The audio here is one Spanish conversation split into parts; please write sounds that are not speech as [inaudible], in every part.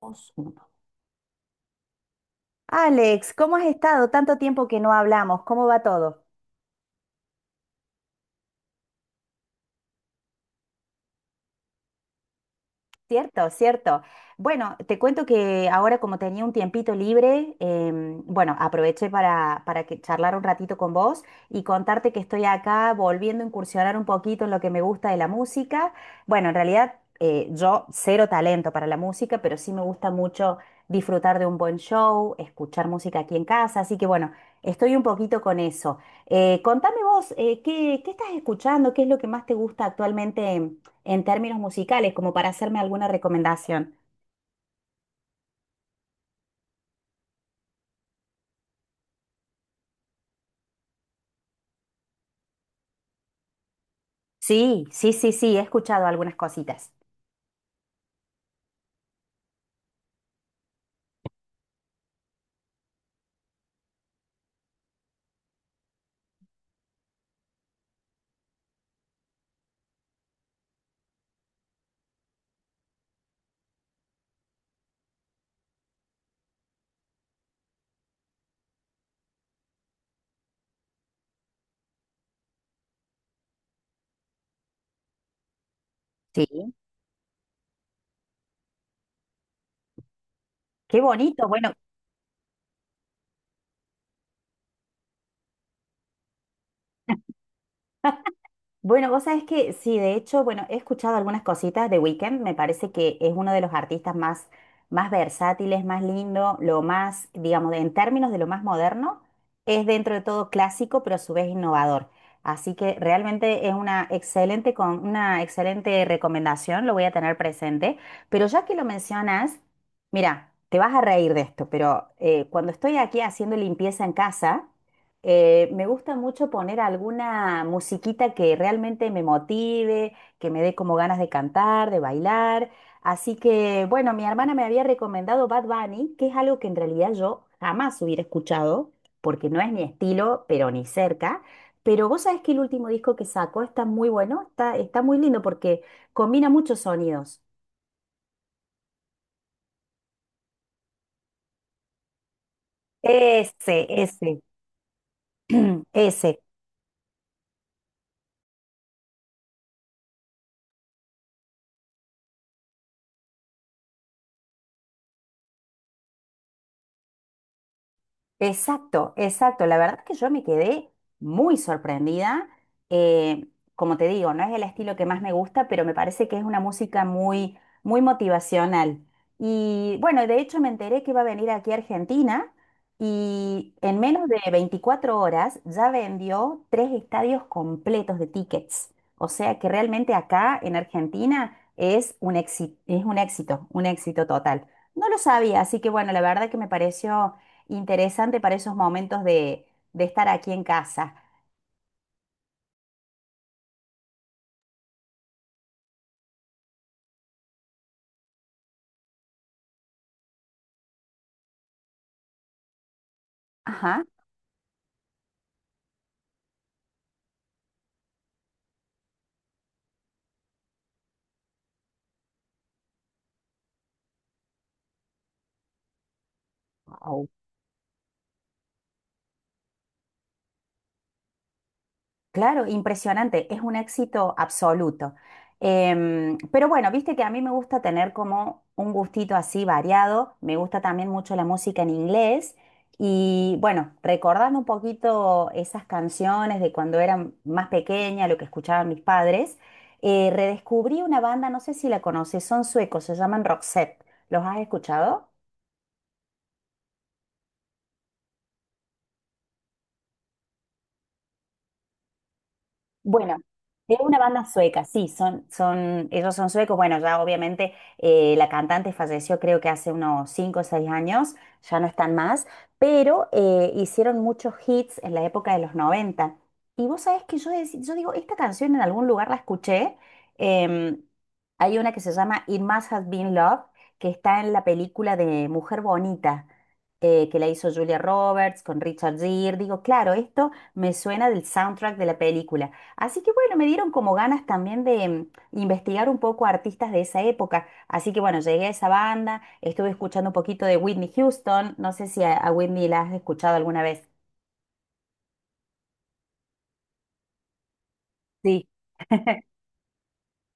Dos, uno. Alex, ¿cómo has estado? Tanto tiempo que no hablamos, ¿cómo va todo? Cierto, cierto. Bueno, te cuento que ahora como tenía un tiempito libre, bueno, aproveché para que charlar un ratito con vos y contarte que estoy acá volviendo a incursionar un poquito en lo que me gusta de la música. Bueno, en realidad yo cero talento para la música, pero sí me gusta mucho disfrutar de un buen show, escuchar música aquí en casa, así que bueno, estoy un poquito con eso. Contame vos, ¿qué estás escuchando? ¿Qué es lo que más te gusta actualmente? En términos musicales, como para hacerme alguna recomendación. Sí, sí, sí, sí, he escuchado algunas cositas. Sí. Qué bonito. Bueno, Bueno, vos sabés que sí, de hecho, bueno, he escuchado algunas cositas de Weekend, me parece que es uno de los artistas más versátiles, más lindo, lo más, digamos, en términos de lo más moderno, es dentro de todo clásico, pero a su vez innovador. Así que realmente es con una excelente recomendación, lo voy a tener presente. Pero ya que lo mencionas, mira, te vas a reír de esto, pero cuando estoy aquí haciendo limpieza en casa, me gusta mucho poner alguna musiquita que realmente me motive, que me dé como ganas de cantar, de bailar. Así que, bueno, mi hermana me había recomendado Bad Bunny, que es algo que en realidad yo jamás hubiera escuchado, porque no es mi estilo, pero ni cerca. Pero vos sabés que el último disco que sacó está muy bueno, está muy lindo porque combina muchos sonidos. Ese, [clears throat] ese. Exacto, exacto. La verdad que yo me quedé muy sorprendida. Eh, como te digo, no es el estilo que más me gusta, pero me parece que es una música muy, muy motivacional. Y bueno, de hecho me enteré que va a venir aquí a Argentina y en menos de 24 horas ya vendió tres estadios completos de tickets. O sea que realmente acá en Argentina es un éxito total. No lo sabía, así que bueno, la verdad que me pareció interesante para esos momentos de estar aquí en casa. Ajá. Au. Claro, impresionante. Es un éxito absoluto. Pero bueno, viste que a mí me gusta tener como un gustito así variado. Me gusta también mucho la música en inglés. Y bueno, recordando un poquito esas canciones de cuando era más pequeña, lo que escuchaban mis padres, redescubrí una banda, no sé si la conoces, son suecos, se llaman Roxette. ¿Los has escuchado? Bueno, es una banda sueca, sí, ellos son suecos. Bueno, ya obviamente la cantante falleció creo que hace unos 5 o 6 años, ya no están más, pero hicieron muchos hits en la época de los 90. Y vos sabés que yo digo, esta canción en algún lugar la escuché. em, Hay una que se llama It Must Have Been Love, que está en la película de Mujer Bonita, que la hizo Julia Roberts con Richard Gere. Digo, claro, esto me suena del soundtrack de la película. Así que bueno, me dieron como ganas también de investigar un poco artistas de esa época. Así que bueno, llegué a esa banda, estuve escuchando un poquito de Whitney Houston. No sé si a Whitney la has escuchado alguna vez.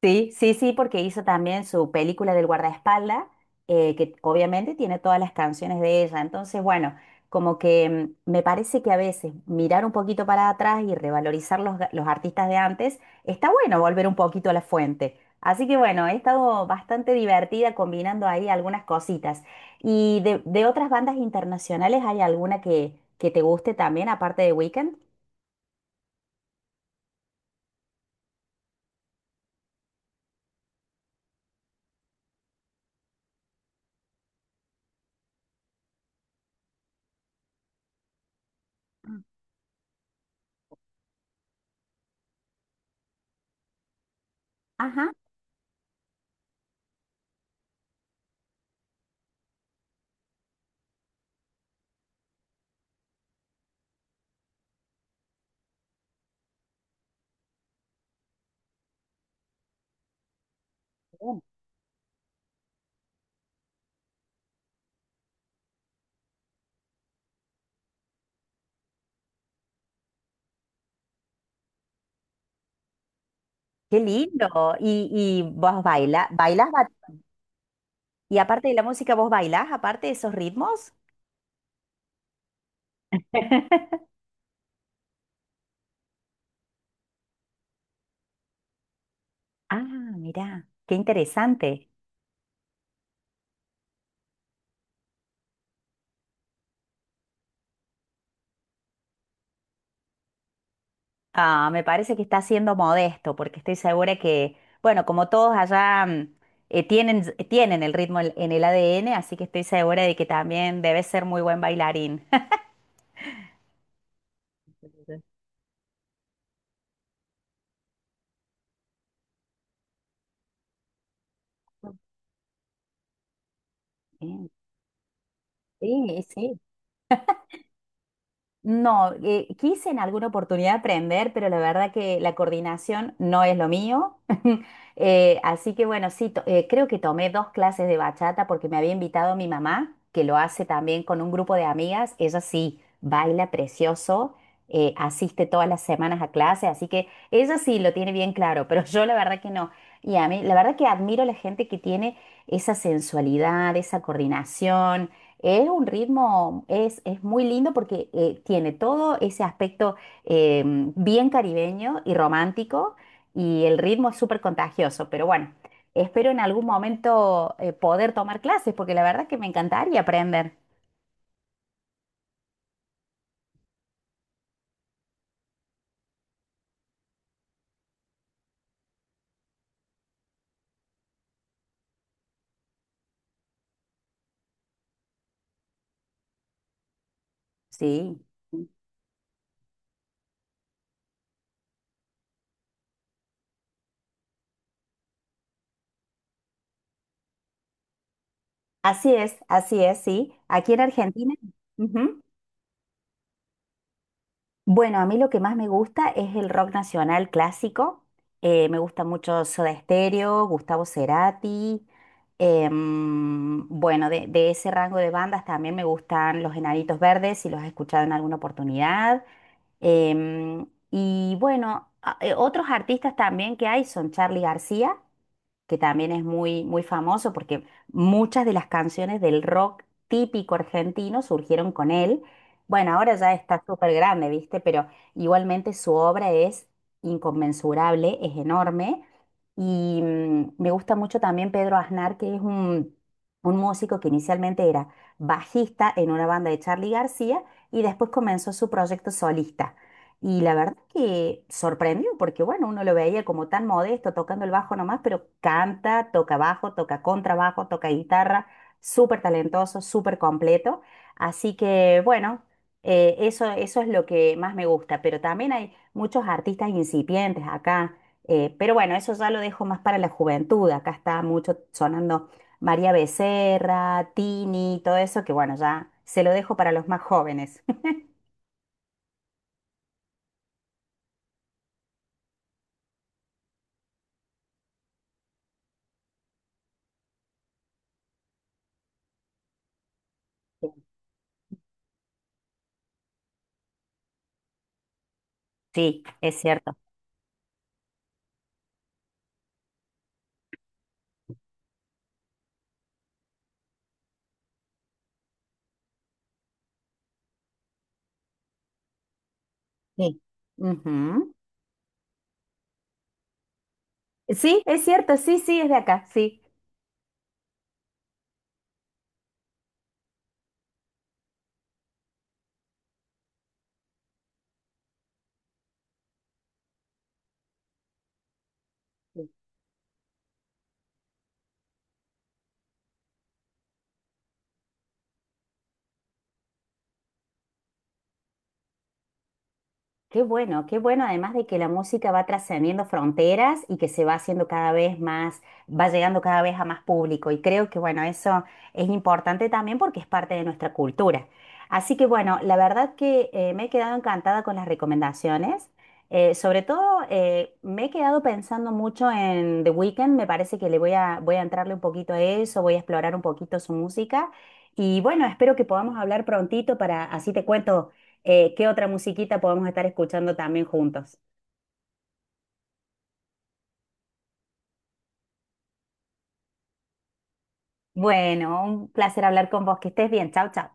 Sí, sí, sí, porque hizo también su película del guardaespaldas, que obviamente tiene todas las canciones de ella. Entonces, bueno, como que me parece que a veces mirar un poquito para atrás y revalorizar los artistas de antes, está bueno volver un poquito a la fuente. Así que bueno, he estado bastante divertida combinando ahí algunas cositas. ¿Y de otras bandas internacionales hay alguna que te guste también, aparte de Weekend? Mm. Ajá. Bien. Qué lindo. ¿Y vos bailas? Y aparte de la música, ¿vos bailás aparte de esos ritmos? [laughs] Ah, mirá, qué interesante. Ah, me parece que está siendo modesto, porque estoy segura que, bueno, como todos allá tienen el ritmo en el ADN, así que estoy segura de que también debes ser muy buen bailarín. [laughs] Sí, sí, sí. No, quise en alguna oportunidad aprender, pero la verdad que la coordinación no es lo mío. [laughs] Así que bueno, sí, creo que tomé dos clases de bachata porque me había invitado mi mamá, que lo hace también con un grupo de amigas. Ella sí baila precioso, asiste todas las semanas a clase, así que ella sí lo tiene bien claro, pero yo la verdad que no. Y a mí, la verdad que admiro a la gente que tiene esa sensualidad, esa coordinación. Es un ritmo, es muy lindo porque tiene todo ese aspecto eh, bien caribeño y romántico y el ritmo es súper contagioso, pero bueno, espero en algún momento poder tomar clases porque la verdad que me encantaría aprender. Sí, así es, sí. Aquí en Argentina. Ujú. Bueno, a mí lo que más me gusta es el rock nacional clásico. Me gusta mucho Soda Stereo, Gustavo Cerati. Bueno, de ese rango de bandas también me gustan Los Enanitos Verdes, si los has escuchado en alguna oportunidad. em, y bueno, otros artistas también que hay son Charly García que también es muy, muy famoso porque muchas de las canciones del rock típico argentino surgieron con él. Bueno, ahora ya está súper grande, ¿viste? Pero igualmente su obra es inconmensurable, es enorme. Y me gusta mucho también Pedro Aznar, que es un músico que inicialmente era bajista en una banda de Charly García y después comenzó su proyecto solista. Y la verdad que sorprendió, porque bueno, uno lo veía como tan modesto, tocando el bajo nomás, pero canta, toca bajo, toca contrabajo, toca guitarra, súper talentoso, súper completo. Así que bueno, eso es lo que más me gusta, pero también hay muchos artistas incipientes acá. Pero bueno, eso ya lo dejo más para la juventud. Acá está mucho sonando María Becerra, Tini, todo eso, que bueno, ya se lo dejo para los más jóvenes. [laughs] Sí, es cierto. Sí. Ujú. Sí, es cierto, sí, sí, es de acá, sí. Qué bueno, además de que la música va trascendiendo fronteras y que se va haciendo cada vez más, va llegando cada vez a más público. Y creo que, bueno, eso es importante también porque es parte de nuestra cultura. Así que, bueno, la verdad que me he quedado encantada con las recomendaciones. Sobre todo, me he quedado pensando mucho en The Weeknd. Me parece que le voy a entrarle un poquito a eso, voy a explorar un poquito su música. Y bueno, espero que podamos hablar prontito para así te cuento ¿qué otra musiquita podemos estar escuchando también juntos? Bueno, un placer hablar con vos. Que estés bien. Chau, chau.